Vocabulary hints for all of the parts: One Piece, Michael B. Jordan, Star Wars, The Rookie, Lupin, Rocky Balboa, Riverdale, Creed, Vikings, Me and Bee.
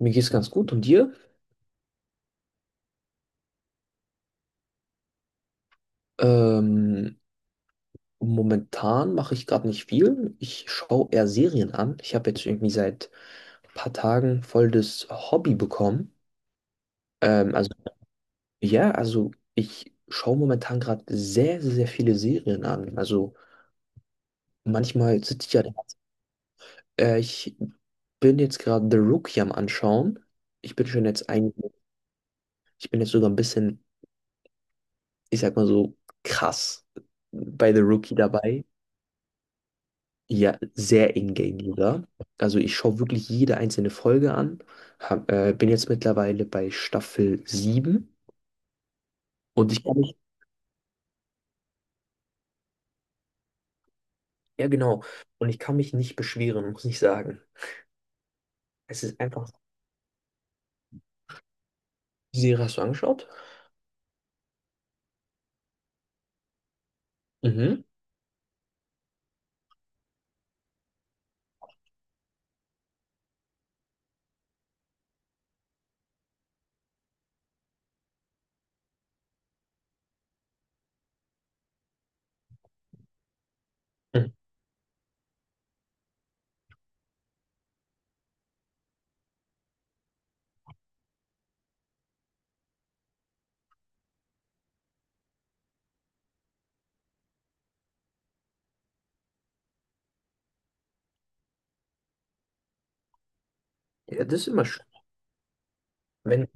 Mir geht's ganz gut. Und dir? Ähm, Momentan mache ich gerade nicht viel. Ich schaue eher Serien an. Ich habe jetzt irgendwie seit ein paar Tagen voll das Hobby bekommen. Ähm, also ja, also, ich schaue momentan gerade sehr, sehr, sehr viele Serien an. Also manchmal sitze ich ja da. Ich bin jetzt gerade The Rookie am Anschauen. Ich bin schon jetzt ein, Ich bin jetzt sogar ein bisschen, ich sag mal so, krass bei The Rookie dabei. Ja, sehr in-game sogar. Also ich schaue wirklich jede einzelne Folge an. Bin jetzt mittlerweile bei Staffel sieben, und ich kann mich, ja genau, und ich kann mich nicht beschweren, muss ich sagen. Es ist einfach, Die Serie hast du angeschaut? Mhm. Mhm. Ja, das ist immer schön. Wenn,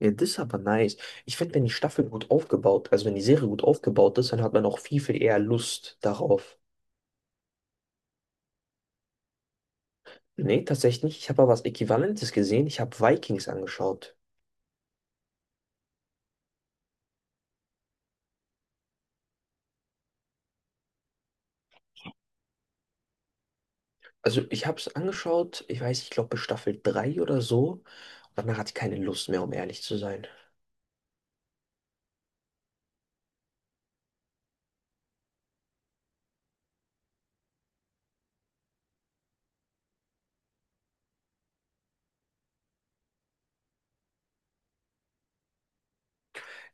Ja, das ist aber nice. Ich finde, wenn die Staffel gut aufgebaut, also wenn die Serie gut aufgebaut ist, dann hat man auch viel, viel eher Lust darauf. Nee, tatsächlich nicht. Ich habe aber was Äquivalentes gesehen. Ich habe Vikings angeschaut. Also ich habe es angeschaut, ich weiß, ich glaube bis Staffel 3 oder so. Danach hatte ich keine Lust mehr, um ehrlich zu sein.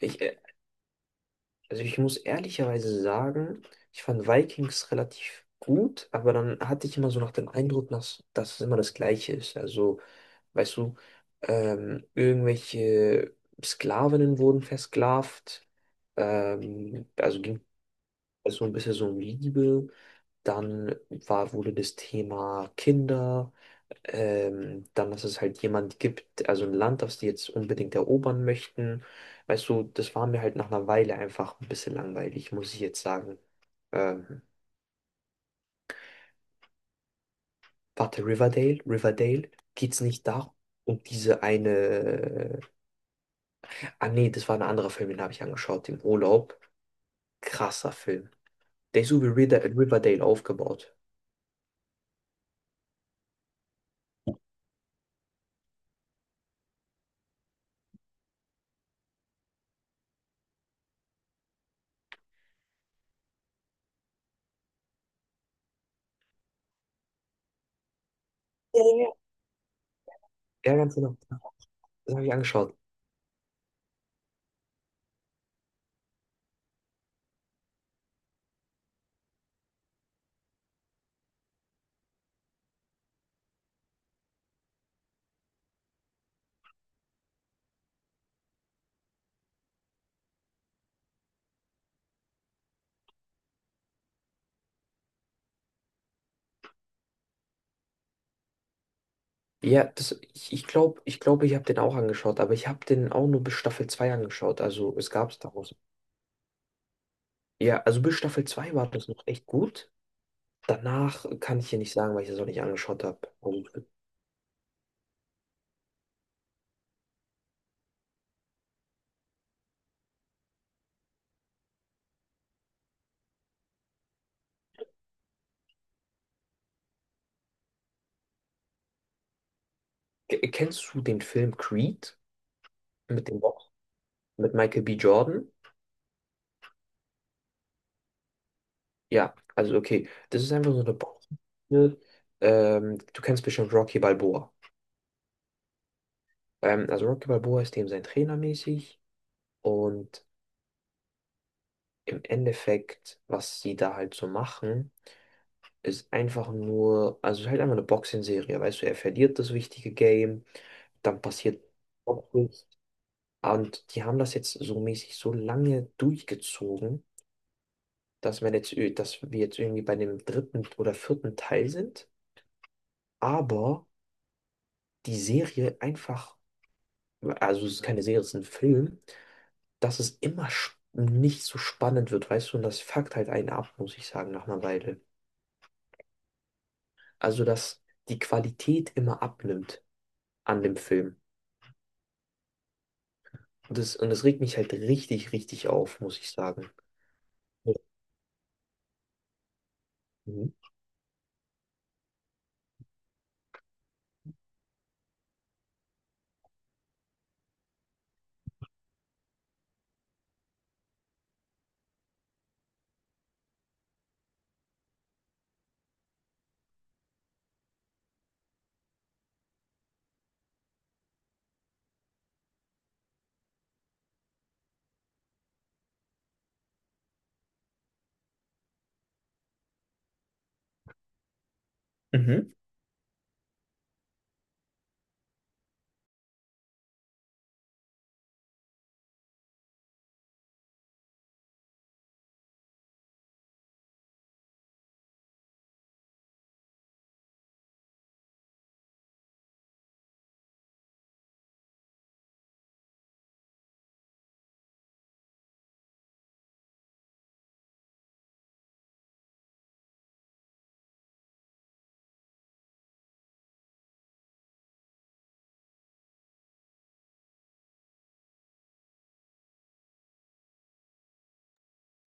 Ich, äh, also ich muss ehrlicherweise sagen, ich fand Vikings relativ gut, aber dann hatte ich immer so nach dem Eindruck, dass es immer das Gleiche ist. Also, weißt du, irgendwelche Sklavinnen wurden versklavt. Also ging so ein bisschen so um Liebe. Wurde das Thema Kinder. Dann, dass es halt jemand gibt, also ein Land, das die jetzt unbedingt erobern möchten. Weißt du, das war mir halt nach einer Weile einfach ein bisschen langweilig, muss ich jetzt sagen. Ähm, Warte, Riverdale? Riverdale? Geht's nicht da um diese eine? Ah, nee, das war ein anderer Film, den habe ich angeschaut im Urlaub. Krasser Film. Der ist so wie Riverdale aufgebaut. Ja, ja, ja. Ja, ganz genau. Das habe ich angeschaut. Ja, das, ich glaube, ich glaube, ich habe den auch angeschaut, aber ich habe den auch nur bis Staffel 2 angeschaut. Also es gab Star Wars. Ja, also bis Staffel 2 war das noch echt gut. Danach kann ich hier nicht sagen, weil ich das auch nicht angeschaut habe. Kennst du den Film Creed mit dem Box, mit Michael B. Jordan? Ja, also okay, das ist einfach so eine Box. Du kennst bestimmt Rocky Balboa. Also Rocky Balboa ist dem sein Trainer mäßig und im Endeffekt, was sie da halt so machen, ist einfach nur, also es ist halt einfach eine Boxing-Serie, weißt du, er verliert das wichtige Game, dann passiert auch nichts. Und die haben das jetzt so mäßig so lange durchgezogen, dass man jetzt, dass wir jetzt irgendwie bei dem dritten oder vierten Teil sind, aber die Serie einfach, also es ist keine Serie, es ist ein Film, dass es immer nicht so spannend wird, weißt du, und das fuckt halt einen ab, muss ich sagen, nach einer Weile. Also, dass die Qualität immer abnimmt an dem Film. Und das regt mich halt richtig, richtig auf, muss ich sagen. Mhm. Mhm.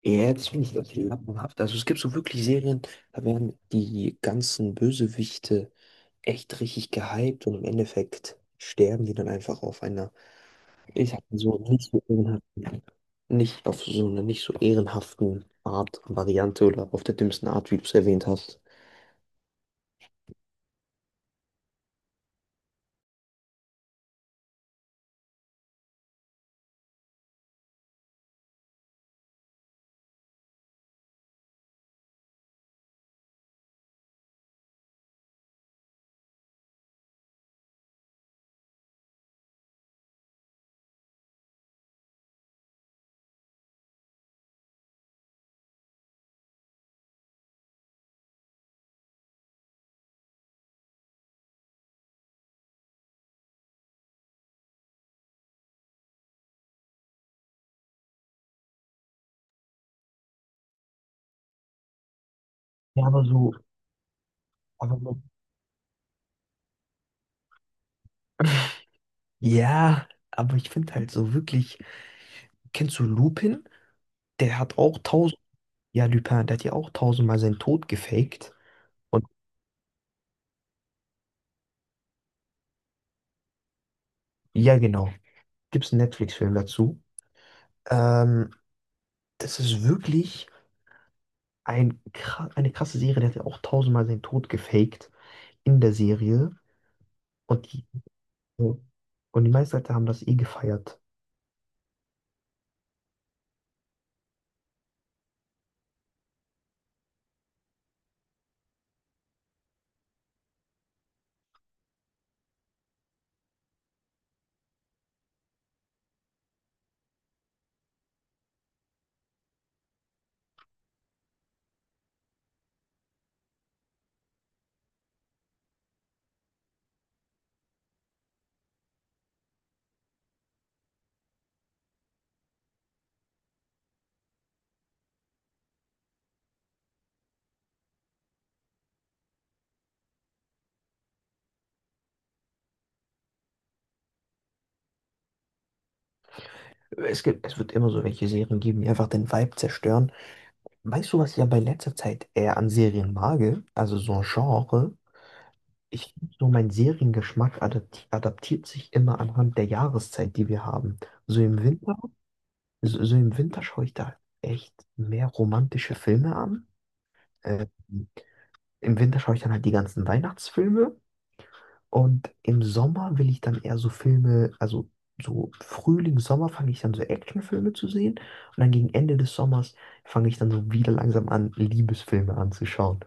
Ja, das finde ich echt lappenhaft. Also es gibt so wirklich Serien, da werden die ganzen Bösewichte echt richtig gehypt und im Endeffekt sterben die dann einfach auf einer, ich sag mal so, nicht so ehrenhaften, nicht auf so einer nicht so ehrenhaften Art, Variante oder auf der dümmsten Art, wie du es erwähnt hast. Ja, aber so, aber so. Ja, aber ich finde halt so wirklich, kennst du Lupin? Der hat auch tausend, Ja, Lupin, der hat ja auch tausendmal seinen Tod gefaked. Und ja, genau. Gibt es einen Netflix-Film dazu? Ähm, Das ist wirklich eine krasse Serie. Der hat ja auch tausendmal seinen Tod gefaked in der Serie. Und die, ja, und die meisten Leute haben das eh gefeiert. Es gibt, es wird immer so welche Serien geben, die einfach den Vibe zerstören. Weißt du, was ich ja bei letzter Zeit eher an Serien mag? Also so ein Genre. Ich finde so, mein Seriengeschmack adaptiert sich immer anhand der Jahreszeit, die wir haben. So im Winter, so im Winter schaue ich da echt mehr romantische Filme an. Äh, Im Winter schaue ich dann halt die ganzen Weihnachtsfilme und im Sommer will ich dann eher so Filme, also so Frühling, Sommer fange ich dann so Actionfilme zu sehen und dann gegen Ende des Sommers fange ich dann so wieder langsam an, Liebesfilme anzuschauen.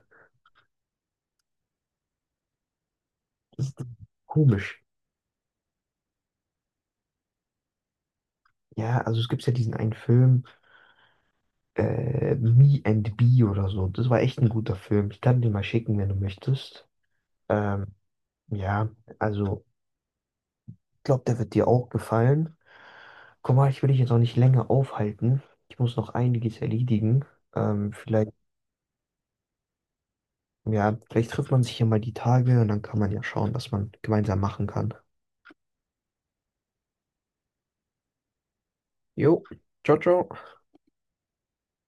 Das ist komisch. Ja, also es gibt ja diesen einen Film. Me and Bee oder so. Das war echt ein guter Film. Ich kann dir mal schicken, wenn du möchtest. Ähm, ja, also ich glaube, der wird dir auch gefallen. Guck mal, ich will dich jetzt auch nicht länger aufhalten. Ich muss noch einiges erledigen. Ähm, vielleicht, ja, vielleicht trifft man sich ja mal die Tage und dann kann man ja schauen, was man gemeinsam machen kann. Jo, ciao, ciao.